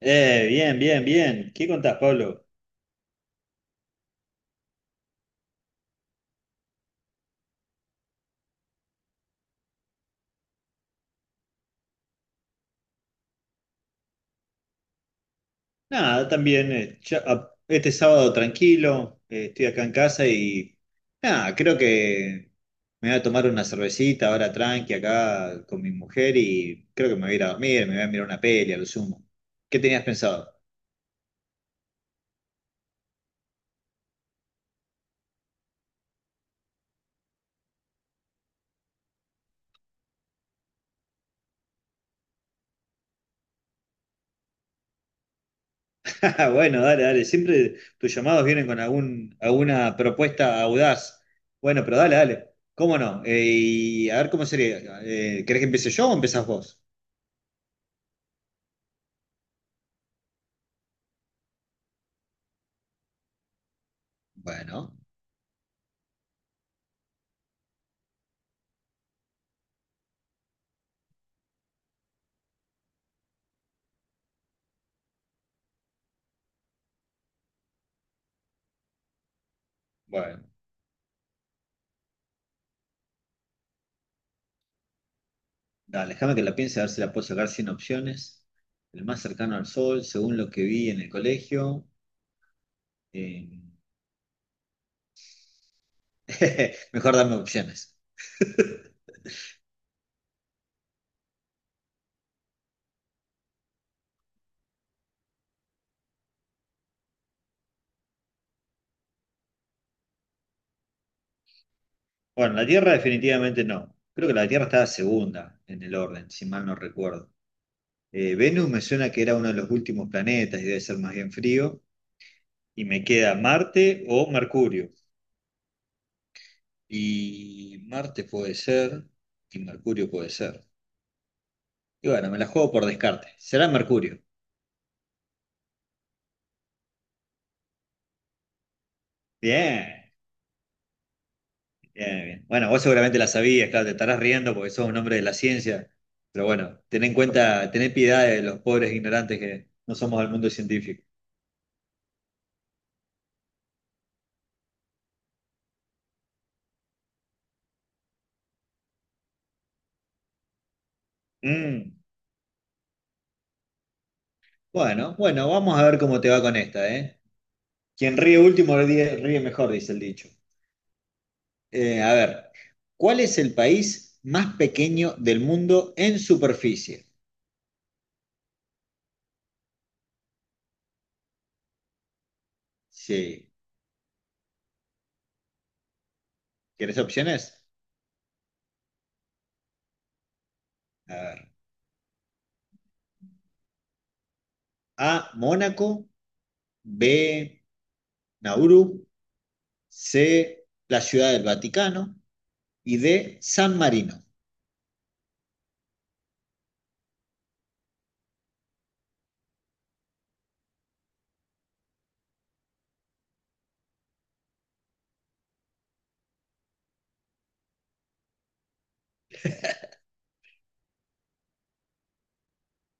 Bien, bien, bien. ¿Qué contás, Pablo? Nada, también este sábado tranquilo, estoy acá en casa y nada, creo que me voy a tomar una cervecita ahora tranqui acá con mi mujer y creo que me voy a ir a dormir, me voy a mirar una peli a lo sumo. ¿Qué tenías pensado? Ah, bueno, dale, dale, siempre tus llamados vienen con alguna propuesta audaz. Bueno, pero dale, dale. ¿Cómo no? Y a ver cómo sería. ¿Querés que empiece yo o empezás vos? Bueno, bueno. Dale, déjame que la piense a ver si la puedo sacar sin opciones. El más cercano al Sol, según lo que vi en el colegio. eh, Mejor dame opciones. Bueno, la Tierra definitivamente no. Creo que la Tierra estaba segunda en el orden, si mal no recuerdo. Venus me suena que era uno de los últimos planetas y debe ser más bien frío. Y me queda Marte o Mercurio. Y Marte puede ser y Mercurio puede ser. Y bueno, me la juego por descarte. Será Mercurio. Bien. Bien, bien. Bueno, vos seguramente la sabías, claro, te estarás riendo porque sos un hombre de la ciencia, pero bueno, ten en cuenta, tened piedad de los pobres ignorantes que no somos del mundo científico. Mm, bueno, bueno, vamos a ver cómo te va con esta, ¿eh? Quien ríe último ríe, ríe mejor, dice el dicho. A ver, ¿cuál es el país más pequeño del mundo en superficie? Sí, ¿quieres opciones? A ver, A, Mónaco, B, Nauru, C, la Ciudad del Vaticano, y D, San Marino.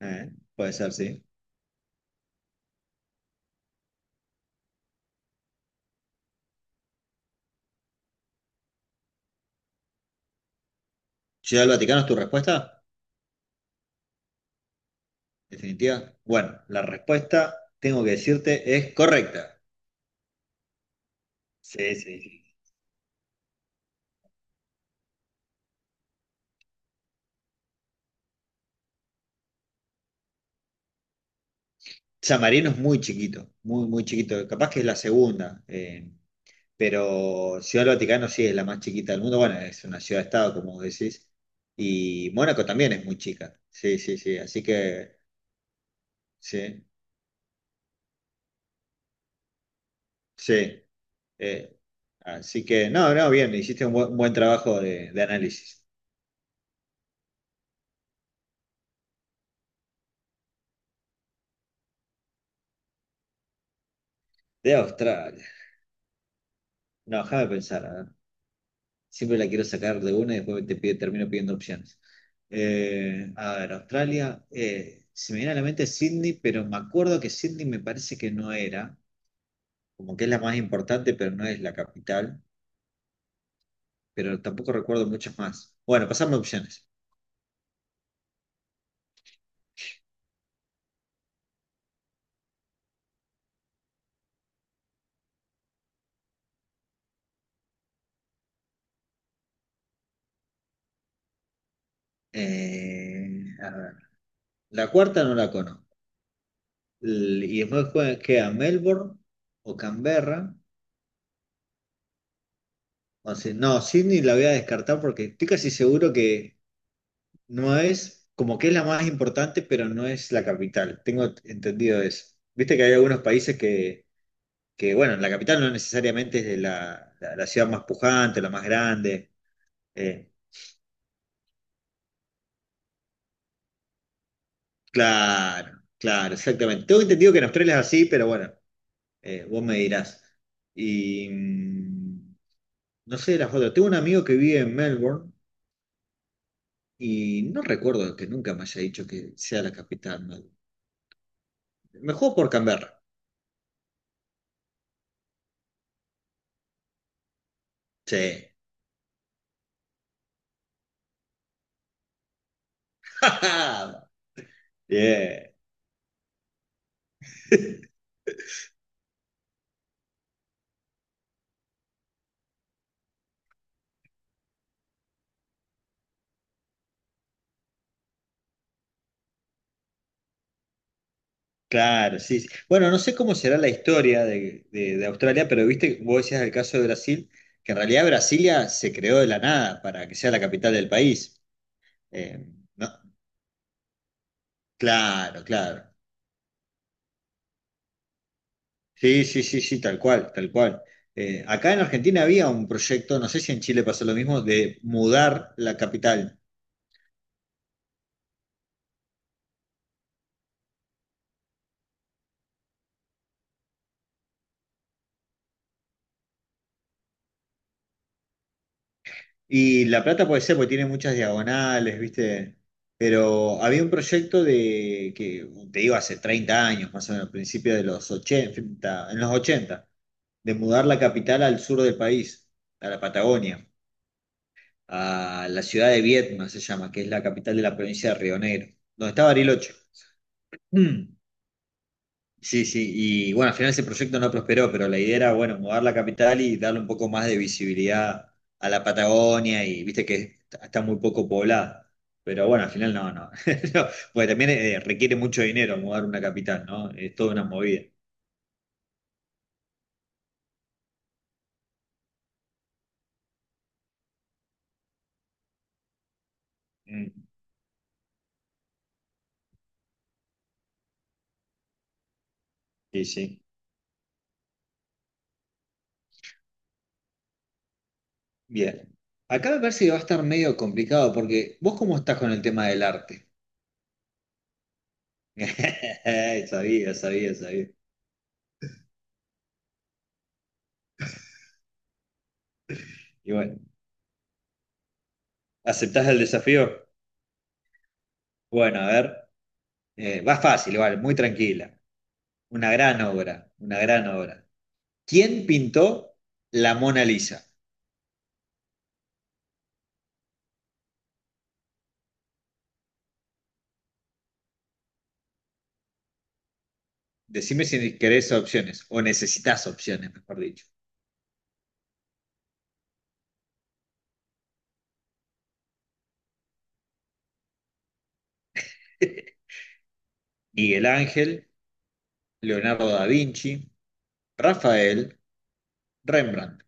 Puede ser, sí. Ciudad del Vaticano es tu respuesta, definitiva. Bueno, la respuesta, tengo que decirte, es correcta. Sí, sí, sí. San Marino es muy chiquito, muy, muy chiquito. Capaz que es la segunda, pero Ciudad del Vaticano sí es la más chiquita del mundo. Bueno, es una ciudad-estado, como vos decís. Y Mónaco también es muy chica. Sí, sí, sí. Así que, sí, sí. Eh, Así que, no, no, bien, hiciste un buen trabajo de análisis. De Australia. No, déjame pensar. A ver. Siempre la quiero sacar de una y después termino pidiendo opciones. A ver, Australia. Se me viene a la mente Sydney, pero me acuerdo que Sydney me parece que no era. Como que es la más importante, pero no es la capital. Pero tampoco recuerdo muchas más. Bueno, pasame opciones. Eh, a ver. La cuarta no la conozco. Y después queda Melbourne o Canberra. O sea, no, Sydney la voy a descartar porque estoy casi seguro que no es, como que es la más importante, pero no es la capital. Tengo entendido eso. Viste que hay algunos países que bueno, la capital no necesariamente es de la ciudad más pujante, la más grande. Eh, claro, claro, exactamente. Tengo entendido que en Australia es así, pero bueno, vos me dirás. Y no sé de las otras. Tengo un amigo que vive en Melbourne y no recuerdo que nunca me haya dicho que sea la capital. Melbourne. Me juego por Canberra. Sí. Bien. Claro, sí, sí. Bueno, no sé cómo será la historia de Australia, pero viste, vos decías el caso de Brasil, que en realidad Brasilia se creó de la nada para que sea la capital del país. Eh, no, claro, claro. Sí, sí, sí, sí, tal cual, tal cual. Acá en Argentina había un proyecto, no sé si en Chile pasó lo mismo, de mudar la capital. Y La Plata puede ser porque tiene muchas diagonales, ¿viste? Pero había un proyecto de, que te digo, hace 30 años, más o menos, principio de los 80, en los 80, de mudar la capital al sur del país, a la Patagonia, a la ciudad de Viedma, se llama, que es la capital de la provincia de Río Negro, donde está Bariloche. Sí, sí, y bueno, al final ese proyecto no prosperó, pero la idea era, bueno, mudar la capital y darle un poco más de visibilidad a la Patagonia y viste que está muy poco poblada. Pero bueno, al final no, no. No, porque también requiere mucho dinero mudar una capital, ¿no? Es toda una movida. Mm, sí, sí. Bien. Acá me parece que va a estar medio complicado porque vos cómo estás con el tema del arte. Sabía, sabía, sabía. Y bueno, ¿aceptás el desafío? Bueno, a ver. Va fácil, vale, muy tranquila. Una gran obra, una gran obra. ¿Quién pintó la Mona Lisa? Decime si querés opciones, o necesitas opciones, mejor dicho. Miguel Ángel, Leonardo da Vinci, Rafael, Rembrandt.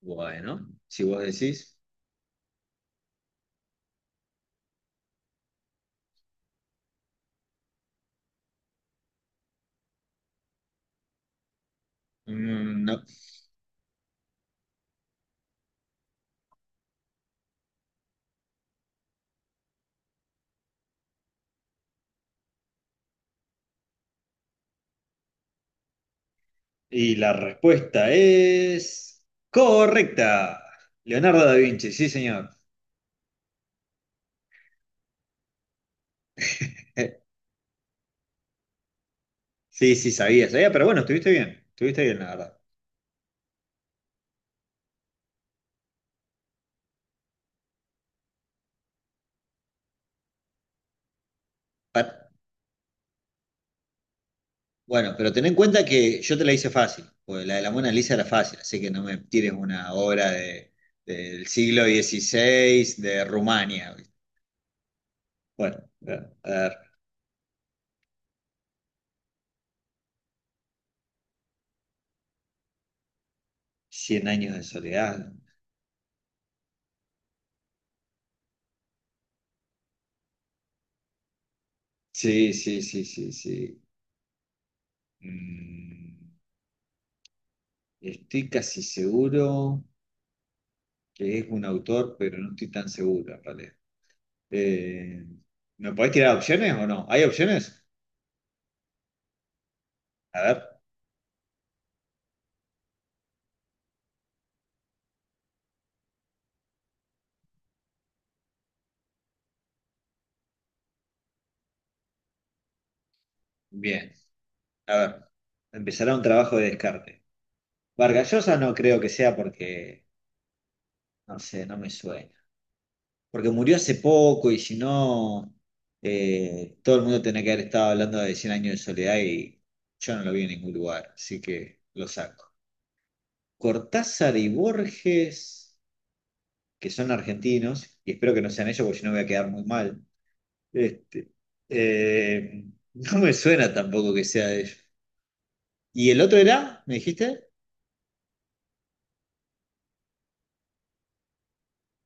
Bueno, si vos decís, no. Y la respuesta es correcta. Leonardo da Vinci, sí, señor. Sí, sí, sabía, sabía, pero bueno, estuviste bien, la verdad. Pa- Bueno, pero ten en cuenta que yo te la hice fácil, porque la de la Mona Lisa era fácil, así que no me tires una obra del siglo XVI de Rumania. ¿Viste? Bueno, a ver, 100 años de soledad. Sí, sí, sí, sí, sí. Mm, Estoy casi seguro que es un autor, pero no estoy tan seguro en realidad. Eh, ¿Me podés tirar opciones o no? ¿Hay opciones? A ver, bien, a ver, empezará un trabajo de descarte. Vargallosa no creo que sea porque, no sé, no me suena. Porque murió hace poco y si no, todo el mundo tenía que haber estado hablando de 100 años de soledad y yo no lo vi en ningún lugar, así que lo saco. Cortázar y Borges, que son argentinos, y espero que no sean ellos porque si no voy a quedar muy mal. Este, eh, no me suena tampoco que sea de ellos. ¿Y el otro era? ¿Me dijiste?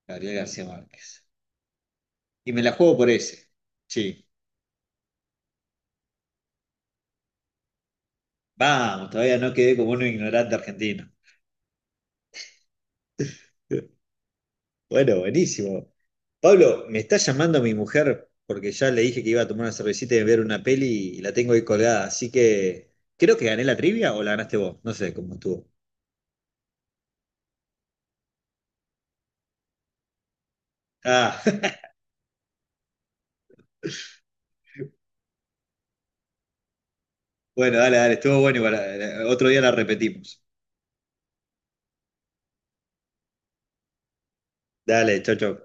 Gabriel García Márquez. Y me la juego por ese. Sí. Vamos, todavía no quedé como un ignorante argentino. Bueno, buenísimo. Pablo, me está llamando mi mujer porque ya le dije que iba a tomar una cervecita y ver una peli y la tengo ahí colgada, así que creo que gané la trivia o la ganaste vos, no sé cómo estuvo. Ah, bueno, dale, dale, estuvo bueno igual, otro día la repetimos. Dale, chau, chau.